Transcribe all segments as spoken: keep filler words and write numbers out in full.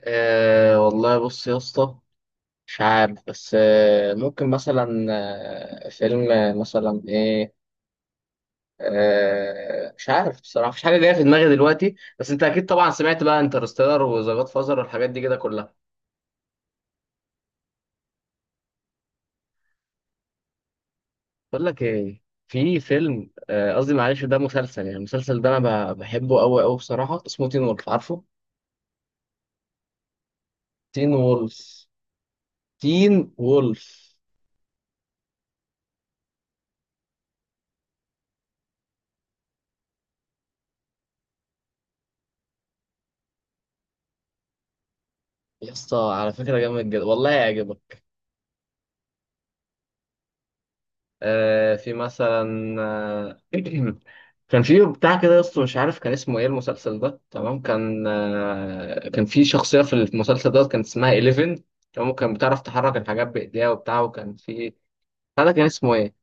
أه والله بص يا اسطى. مش عارف بس أه ممكن مثلا أه فيلم آه، مثلا ايه. أه مش عارف بصراحة، مفيش حاجة جاية في دماغي دلوقتي، بس انت اكيد طبعا سمعت بقى انترستيلر وذا جاد فازر والحاجات دي كده كلها. بقول لك ايه، في فيلم آه، قصدي معلش ده مسلسل. يعني المسلسل ده انا ب- بحبه قوي قوي بصراحة، اسمه تين وولف، عارفه؟ تين وولف. تين وولف يا اسطى، على فكرة جامد جدا والله هيعجبك. آه في مثلا آه كان في بتاع كده يا اسطى، مش عارف كان اسمه ايه المسلسل ده، تمام؟ كان آه كان في شخصية في المسلسل ده كان اسمها إحداشر، تمام؟ كان بتعرف تحرك الحاجات بإيديها وبتاع، وكان في بتاع ده كان اسمه ايه؟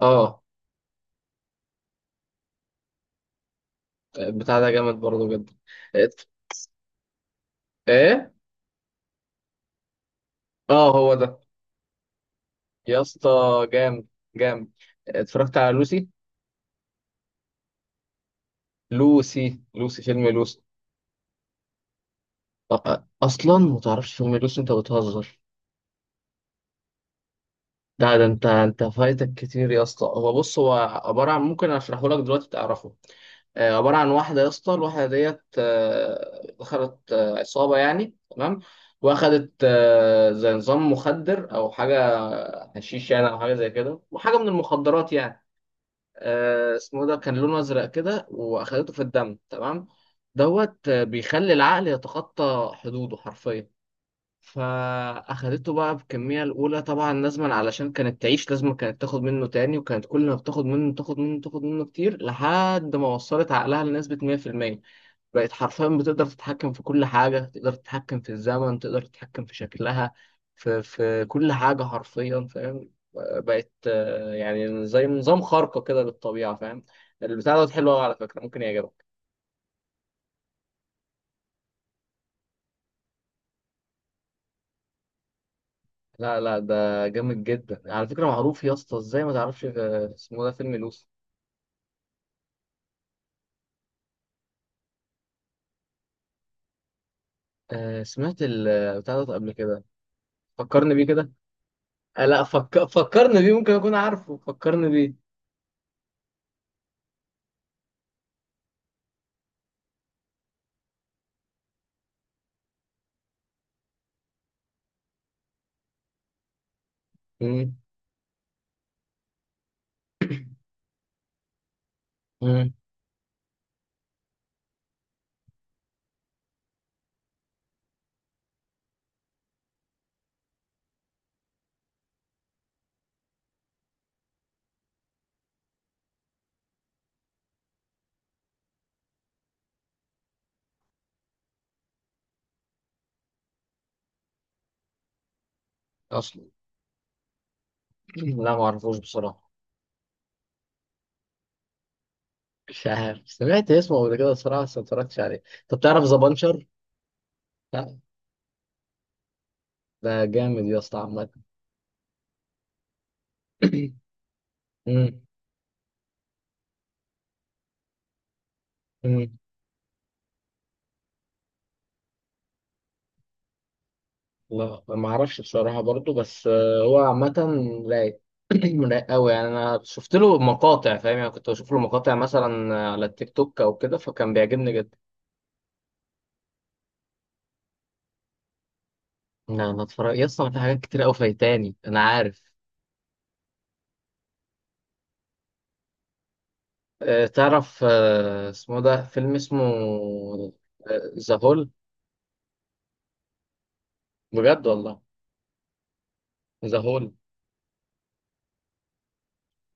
اه بتاع ده جامد برضه جدا. ات- ايه؟ اه هو ده. يا اسطى جامد، جامد. اتفرجت على لوسي. لوسي لوسي فيلم لوسي. أ- أ- اصلا ما تعرفش فيلم لوسي؟ انت بتهزر. ده ده انت انت فايتك كتير يا اسطى. هو بص، هو عباره عن، ممكن اشرحه لك دلوقتي تعرفه. آه، عباره عن واحده يا اسطى، الواحده ديت آه، دخلت آه، عصابه يعني، تمام؟ واخدت آه، زي نظام مخدر او حاجه، حشيش يعني او حاجه زي كده، وحاجه من المخدرات يعني. آه، اسمه ده كان لونه ازرق كده، واخدته في الدم تمام. دوت آه، بيخلي العقل يتخطى حدوده حرفيا. فاخدته بقى بكمية الاولى طبعا لازما، علشان كانت تعيش لازما كانت تاخد منه تاني، وكانت كل ما بتاخد منه تاخد منه تاخد منه كتير لحد ما وصلت عقلها لنسبة مية بالمية. بقت حرفيا بتقدر تتحكم في كل حاجة، تقدر تتحكم في الزمن، تقدر تتحكم في شكلها، في في كل حاجة حرفيا، فاهم؟ بقت آه، يعني زي نظام خارقة كده للطبيعة، فاهم؟ البتاع دوت حلو قوي على فكرة، ممكن يعجبك. لا لا ده جامد جدا على فكرة، معروف يا اسطى. ازاي ما تعرفش في- اسمه ده فيلم لوسي. آه سمعت البتاع ده قبل كده. فكرني بيه كده. آه لا فك... فكرني بيه، ممكن اكون عارفه، فكرني بيه. مم. مم. اصلا. لا ما اعرفوش بصراحه. مش عارف، سمعت اسمه قبل كده بصراحه بس ما اتفرجتش عليه. طب تعرف ذا بانشر؟ لا ده جامد يا اسطى عامه. مم. مم. لا ما اعرفش بصراحه برضو، بس آه هو عامه رايق. رايق قوي يعني، انا شفت له مقاطع فاهم؟ يعني كنت بشوف له مقاطع مثلا على التيك توك او كده، فكان بيعجبني جدا. لا انا اتفرج يا اسطى، أنا في حاجات كتير قوي فايتاني انا عارف. أه تعرف أه اسمه ده فيلم اسمه آه، ذا هول. بجد والله، ذا هول.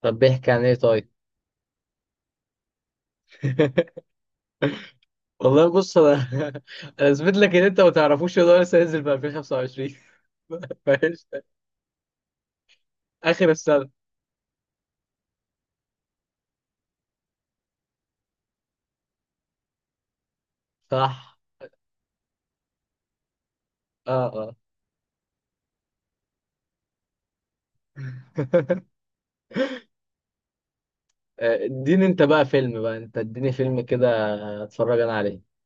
طب بيحكي عن ايه طيب؟ والله بص انا انا اثبت لك ان انت ما تعرفوش ان هو لسه هينزل في ألفين وخمسة وعشرين. فايش. اخر السنه، صح. اه اه. آه، اديني انت بقى فيلم بقى، انت اديني فيلم كده اتفرج انا عليه.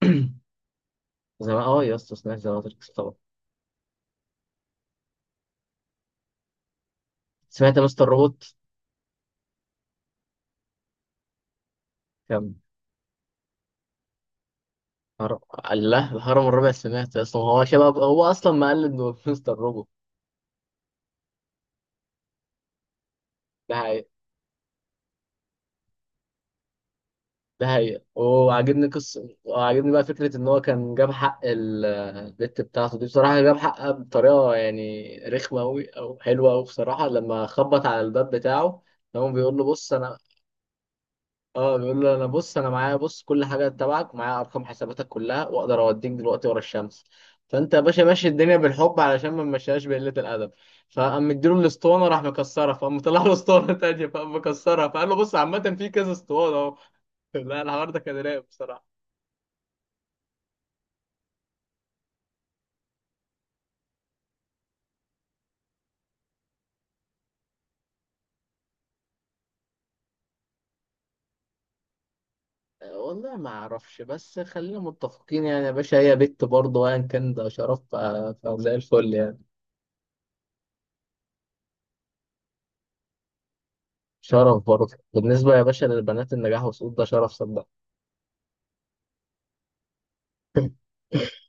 زمان اه يا اسطى سمعت ذا ماتريكس طبعا. سمعت مستر روبوت. كم هرم؟ الله، الهرم الرابع سمعت، اصلا هو شباب، هو اصلا مقلد من مستر روبوت. ده حقيقة. ده حقيقة، وعاجبني قصة، وعاجبني بقى فكرة ان هو كان جاب حق ال- البت بتاعته دي بصراحة، جاب حقها بطريقة يعني رخمة أوي او حلوة أوي بصراحة، لما خبط على الباب بتاعه هو بيقول له بص انا، اه بيقول له انا بص، انا معايا بص كل حاجه تبعك، ومعايا ارقام حساباتك كلها، واقدر اوديك دلوقتي ورا الشمس. فانت يا باشا ماشي الدنيا بالحب علشان ما نمشيهاش بقله الادب. فقام مديله الاسطوانه راح مكسرها، فقام طلع له اسطوانه تانيه فقام مكسرها، فقال له بص عامه في كذا اسطوانه اهو. لا الحوار ده كان رايق بصراحه. آه، والله ما اعرفش، بس خلينا متفقين يعني يا باشا، هي بت برضه ايا كان ده شرف، ف- فزي الفل يعني. شرف برضه بالنسبه يا باشا للبنات، النجاح والسقوط ده شرف صدق.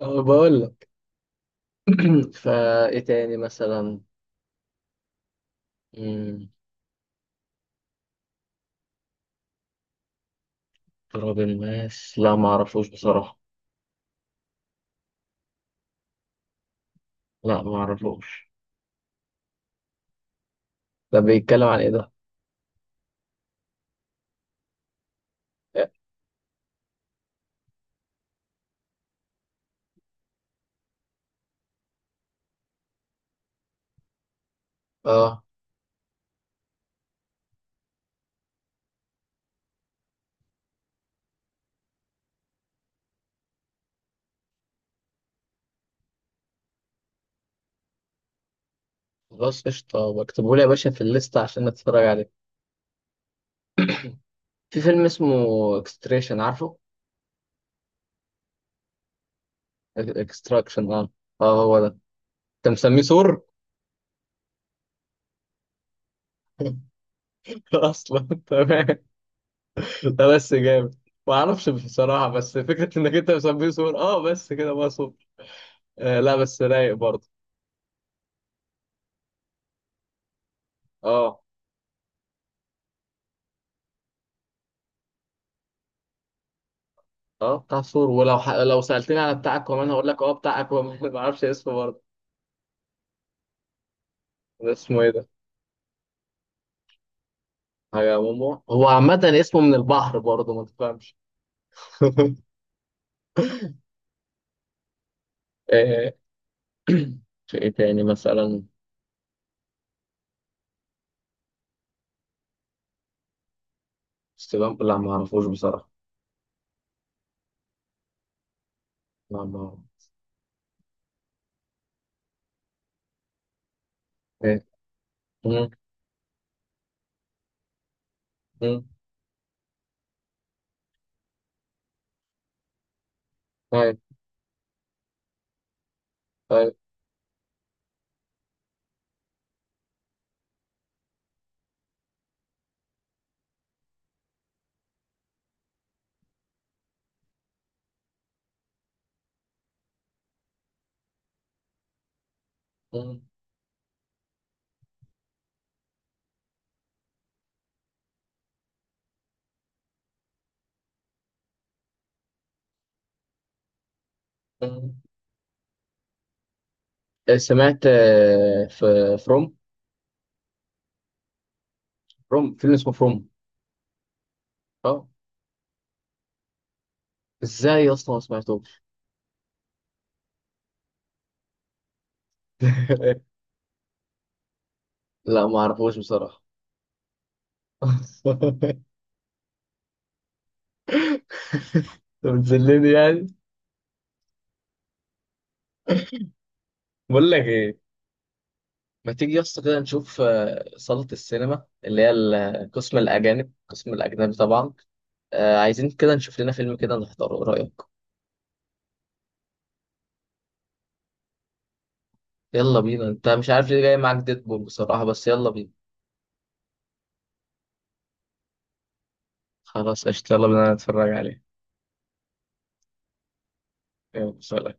أه، بقول لك، فايه تاني مثلا؟ مم، تراب الماس لا ما اعرفوش بصراحة. لا ما اعرفوش. ده بيتكلم عن ايه ده؟ إيه؟ اه خلاص قشطة، بكتبه لي يا باشا في الليستة عشان اتفرج عليه. في فيلم اسمه اكستريشن، عارفه؟ اكستراكشن، اه اه هو ده. انت مسميه سور. اصلا تمام. ده بس جامد، ما اعرفش بصراحة، بس فكرة انك انت مسميه سور اه، بس كده بقى سور. آه لا بس رايق برضه. اه اه بتاع ثور، ولو ح... لو سألتني على بتاع اكوامان هقول لك اه بتاع اكوامان. ما اعرفش اسمه برضه. ده اسمه ايه ده؟ حاجة مومو، هو عامة اسمه من البحر برضه ما تفهمش. آه، في ايه تاني مثلا؟ استلام، لا ما اعرفوش بصراحة. لا ما أعرف. ايه. مم، مم، طيب، طيب. مم، مم. آه، سمعت آه، في فروم. فروم فيلم اسمه فروم. اه. ازاي يا اسطى ما سمعتوش؟ لا ما اعرفوش بصراحة. انت بتذلني يعني؟ بقول لك ايه، ما تيجي يا اسطى كده نشوف آه، صالة السينما اللي هي ال- قسم الأجانب، قسم الأجنبي طبعا. آه، عايزين كده نشوف لنا فيلم كده نحضره، إيه رأيك؟ يلا بينا. أنت مش عارف ليه جاي معاك ديدبول بصراحة، بس يلا بينا. خلاص قشطة يلا بينا نتفرج عليه. يلا سلام.